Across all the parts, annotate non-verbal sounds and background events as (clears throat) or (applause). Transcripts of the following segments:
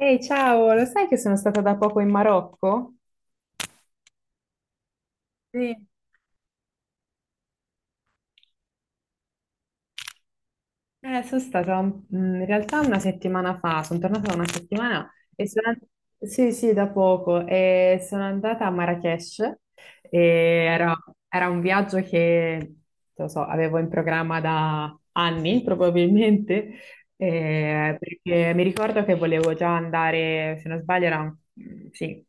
Ehi, ciao, lo sai che sono stata da poco in Marocco? Sì. Sono stata in realtà una settimana fa, sono tornata da una settimana. e sono and- sì, sì, da poco e sono andata a Marrakech. E era, era un viaggio che, non lo so, avevo in programma da anni (laughs) probabilmente, perché mi ricordo che volevo già andare, se non sbaglio era sì,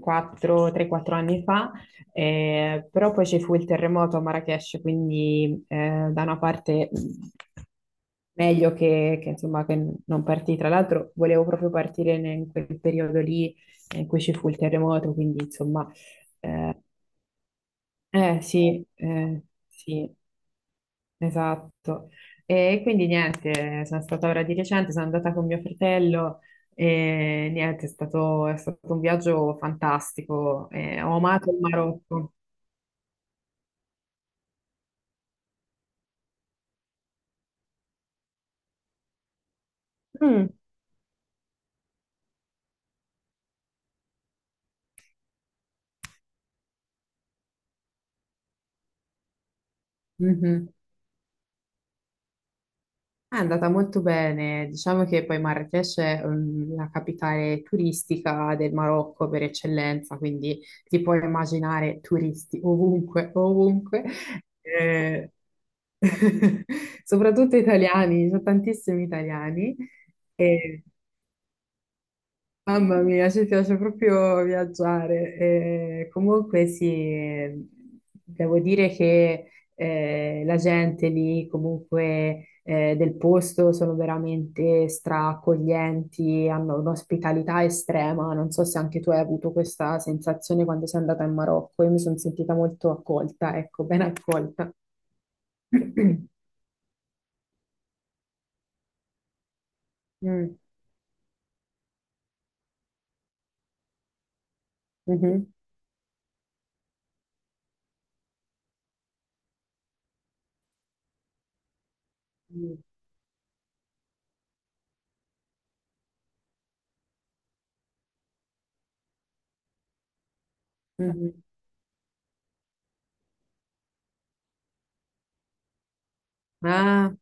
4, 3-4 anni fa. Però poi ci fu il terremoto a Marrakech, quindi da una parte meglio che, insomma, che non partì. Tra l'altro volevo proprio partire in quel periodo lì, in cui ci fu il terremoto, quindi insomma, eh, sì, sì, esatto. E quindi niente, sono stata ora di recente, sono andata con mio fratello e niente, è stato un viaggio fantastico, ho amato il Marocco. Mm. Mhm. È andata molto bene, diciamo che poi Marrakech è la capitale turistica del Marocco per eccellenza, quindi ti puoi immaginare turisti ovunque, ovunque. Eh, (laughs) Soprattutto italiani, ci sono tantissimi italiani. Mamma mia, ci piace proprio viaggiare. Comunque sì, devo dire che la gente lì, comunque del posto, sono veramente straaccoglienti, hanno un'ospitalità estrema. Non so se anche tu hai avuto questa sensazione quando sei andata in Marocco. Io mi sono sentita molto accolta, ecco, ben accolta. (clears throat) Mm, mhm, mm, mhm. Ah,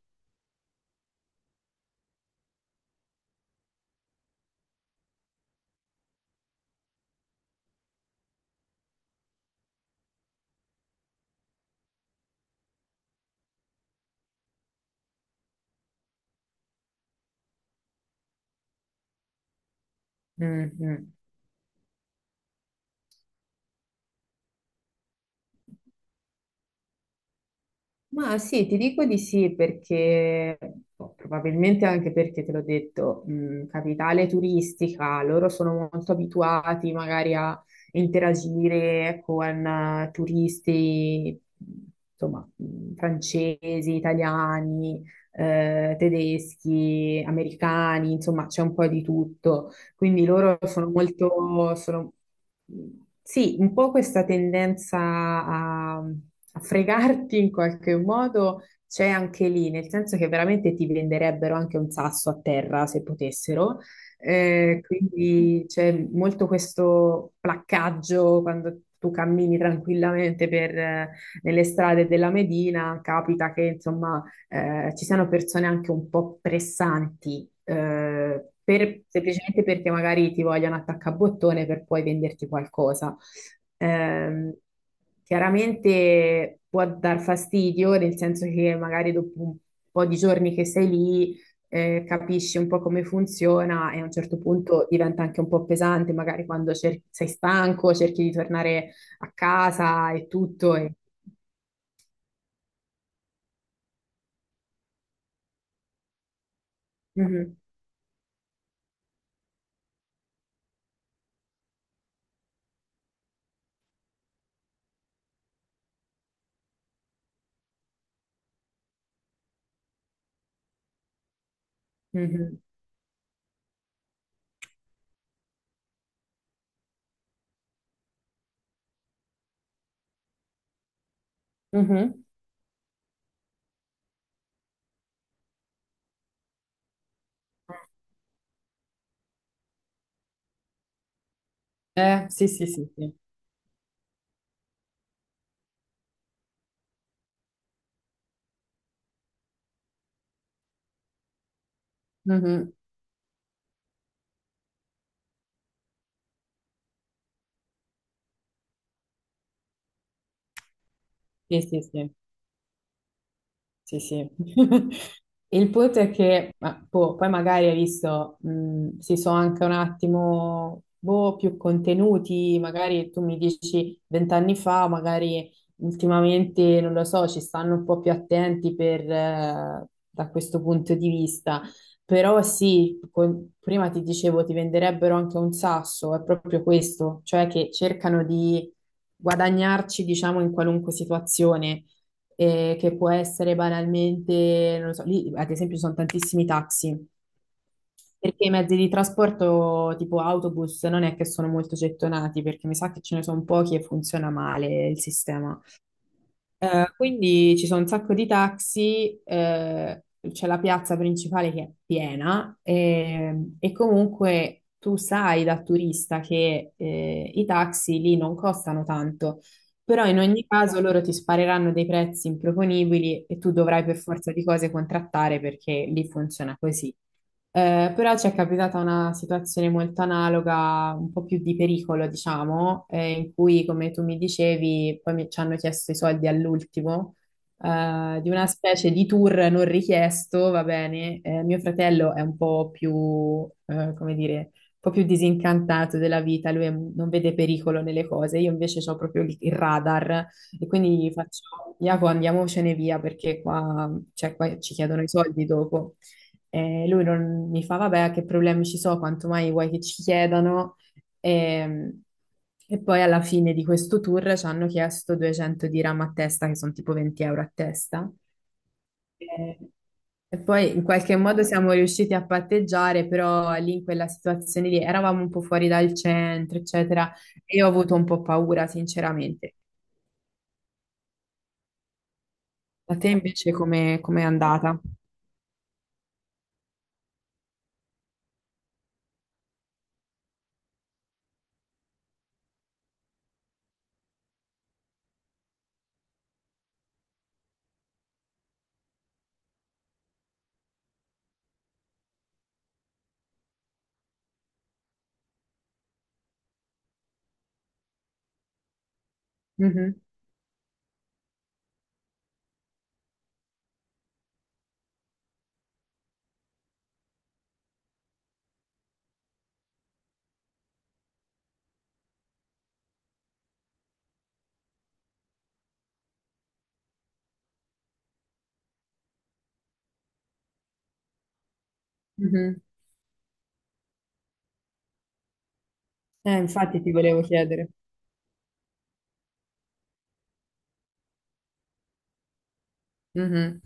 mm, mm. Ma sì, ti dico di sì perché, boh, probabilmente anche perché te l'ho detto, capitale turistica, loro sono molto abituati magari a interagire con turisti, insomma, francesi, italiani, tedeschi, americani, insomma, c'è un po' di tutto. Quindi loro sono sì, un po' questa tendenza a fregarti in qualche modo c'è anche lì, nel senso che veramente ti venderebbero anche un sasso a terra se potessero. Quindi c'è molto questo placcaggio quando tu cammini tranquillamente nelle strade della Medina, capita che insomma ci siano persone anche un po' pressanti, semplicemente perché magari ti vogliono attaccabottone per poi venderti qualcosa. Ehm, Chiaramente può dar fastidio, nel senso che magari dopo un po' di giorni che sei lì, capisci un po' come funziona e a un certo punto diventa anche un po' pesante, magari quando sei stanco, cerchi di tornare a casa e tutto. Mhm, mhm, mhm. Sì, sì, sì, sì. Mhm. Sì, sì, sì. Sì, sì. (laughs) Il punto è che, ma, boh, poi magari hai visto, si sono anche un attimo, boh, più contenuti. Magari tu mi dici 20 anni fa, magari ultimamente, non lo so, ci stanno un po' più attenti da questo punto di vista. Però sì, prima ti dicevo, ti venderebbero anche un sasso, è proprio questo, cioè che cercano di guadagnarci, diciamo, in qualunque situazione, che può essere banalmente, non lo so, lì ad esempio ci sono tantissimi taxi, perché i mezzi di trasporto tipo autobus non è che sono molto gettonati, perché mi sa che ce ne sono pochi e funziona male il sistema. Quindi ci sono un sacco di taxi, c'è la piazza principale che è piena, e comunque tu sai da turista che i taxi lì non costano tanto, però in ogni caso loro ti spareranno dei prezzi improponibili e tu dovrai per forza di cose contrattare perché lì funziona così. Però ci è capitata una situazione molto analoga, un po' più di pericolo, diciamo, in cui, come tu mi dicevi, poi ci hanno chiesto i soldi all'ultimo, di una specie di tour non richiesto, va bene. Mio fratello è un po' più, come dire, un po' più disincantato della vita, non vede pericolo nelle cose, io invece ho proprio il radar e quindi gli faccio: Iaco, andiamocene via perché qua, cioè, qua ci chiedono i soldi dopo. E lui non mi fa: vabbè, che problemi ci sono, quanto mai vuoi che ci chiedano? E, e poi alla fine di questo tour ci hanno chiesto 200 dirham a testa, che sono tipo 20 euro a testa. E, e poi in qualche modo siamo riusciti a patteggiare, però lì in quella situazione lì eravamo un po' fuori dal centro, eccetera, e io ho avuto un po' paura, sinceramente. A te invece come è andata? Mhm, mhm. Infatti ti volevo chiedere. Mhm.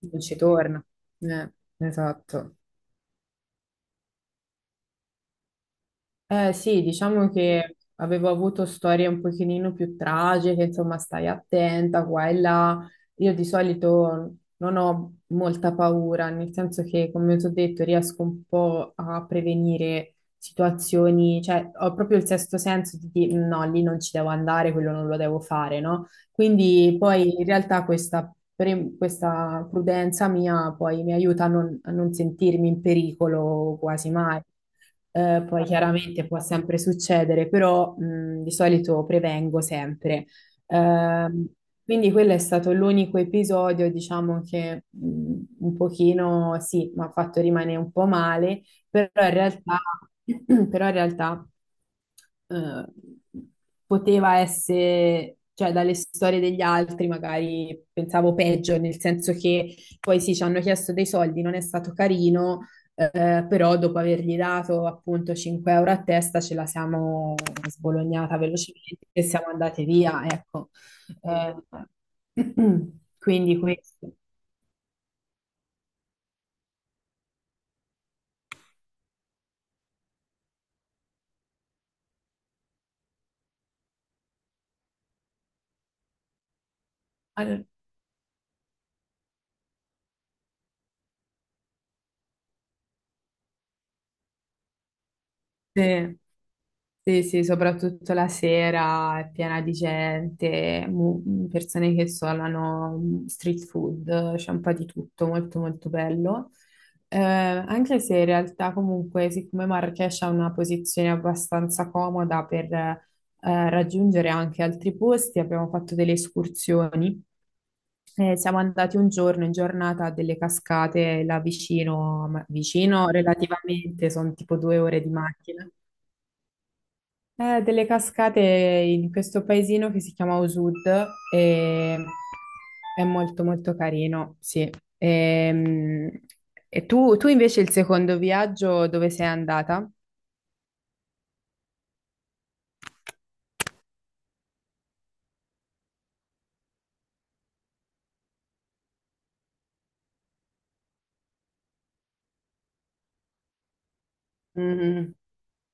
Non ci torna. Eh, esatto. Eh sì, diciamo che avevo avuto storie un pochino più tragiche, insomma, stai attenta qua e là. Io di solito non ho molta paura, nel senso che, come ti ho detto, riesco un po' a prevenire situazioni, cioè ho proprio il sesto senso di dire no, lì non ci devo andare, quello non lo devo fare, no? Quindi poi in realtà questa, questa prudenza mia poi mi aiuta a non sentirmi in pericolo quasi mai. Poi chiaramente può sempre succedere, però di solito prevengo sempre. Ehm, quindi quello è stato l'unico episodio, diciamo che un pochino sì, mi ha fatto rimanere un po' male, però in realtà, (clears throat) però in realtà eh, poteva essere, cioè dalle storie degli altri magari pensavo peggio, nel senso che poi sì, ci hanno chiesto dei soldi, non è stato carino, però dopo avergli dato appunto 5 euro a testa ce la siamo sbolognata velocemente e siamo andate via, ecco. Eh, (clears throat) quindi questo. Allora, sì, sì, sì, soprattutto la sera è piena di gente, persone che suonano street food, c'è un po' di tutto, molto molto bello. Anche se in realtà comunque, siccome Marrakesh ha una posizione abbastanza comoda per raggiungere anche altri posti, abbiamo fatto delle escursioni. Siamo andati un giorno in giornata a delle cascate là vicino, ma vicino relativamente, sono tipo 2 ore di macchina. Delle cascate in questo paesino che si chiama Osud e è molto molto carino, sì. Ehm, E, tu invece il secondo viaggio dove sei andata?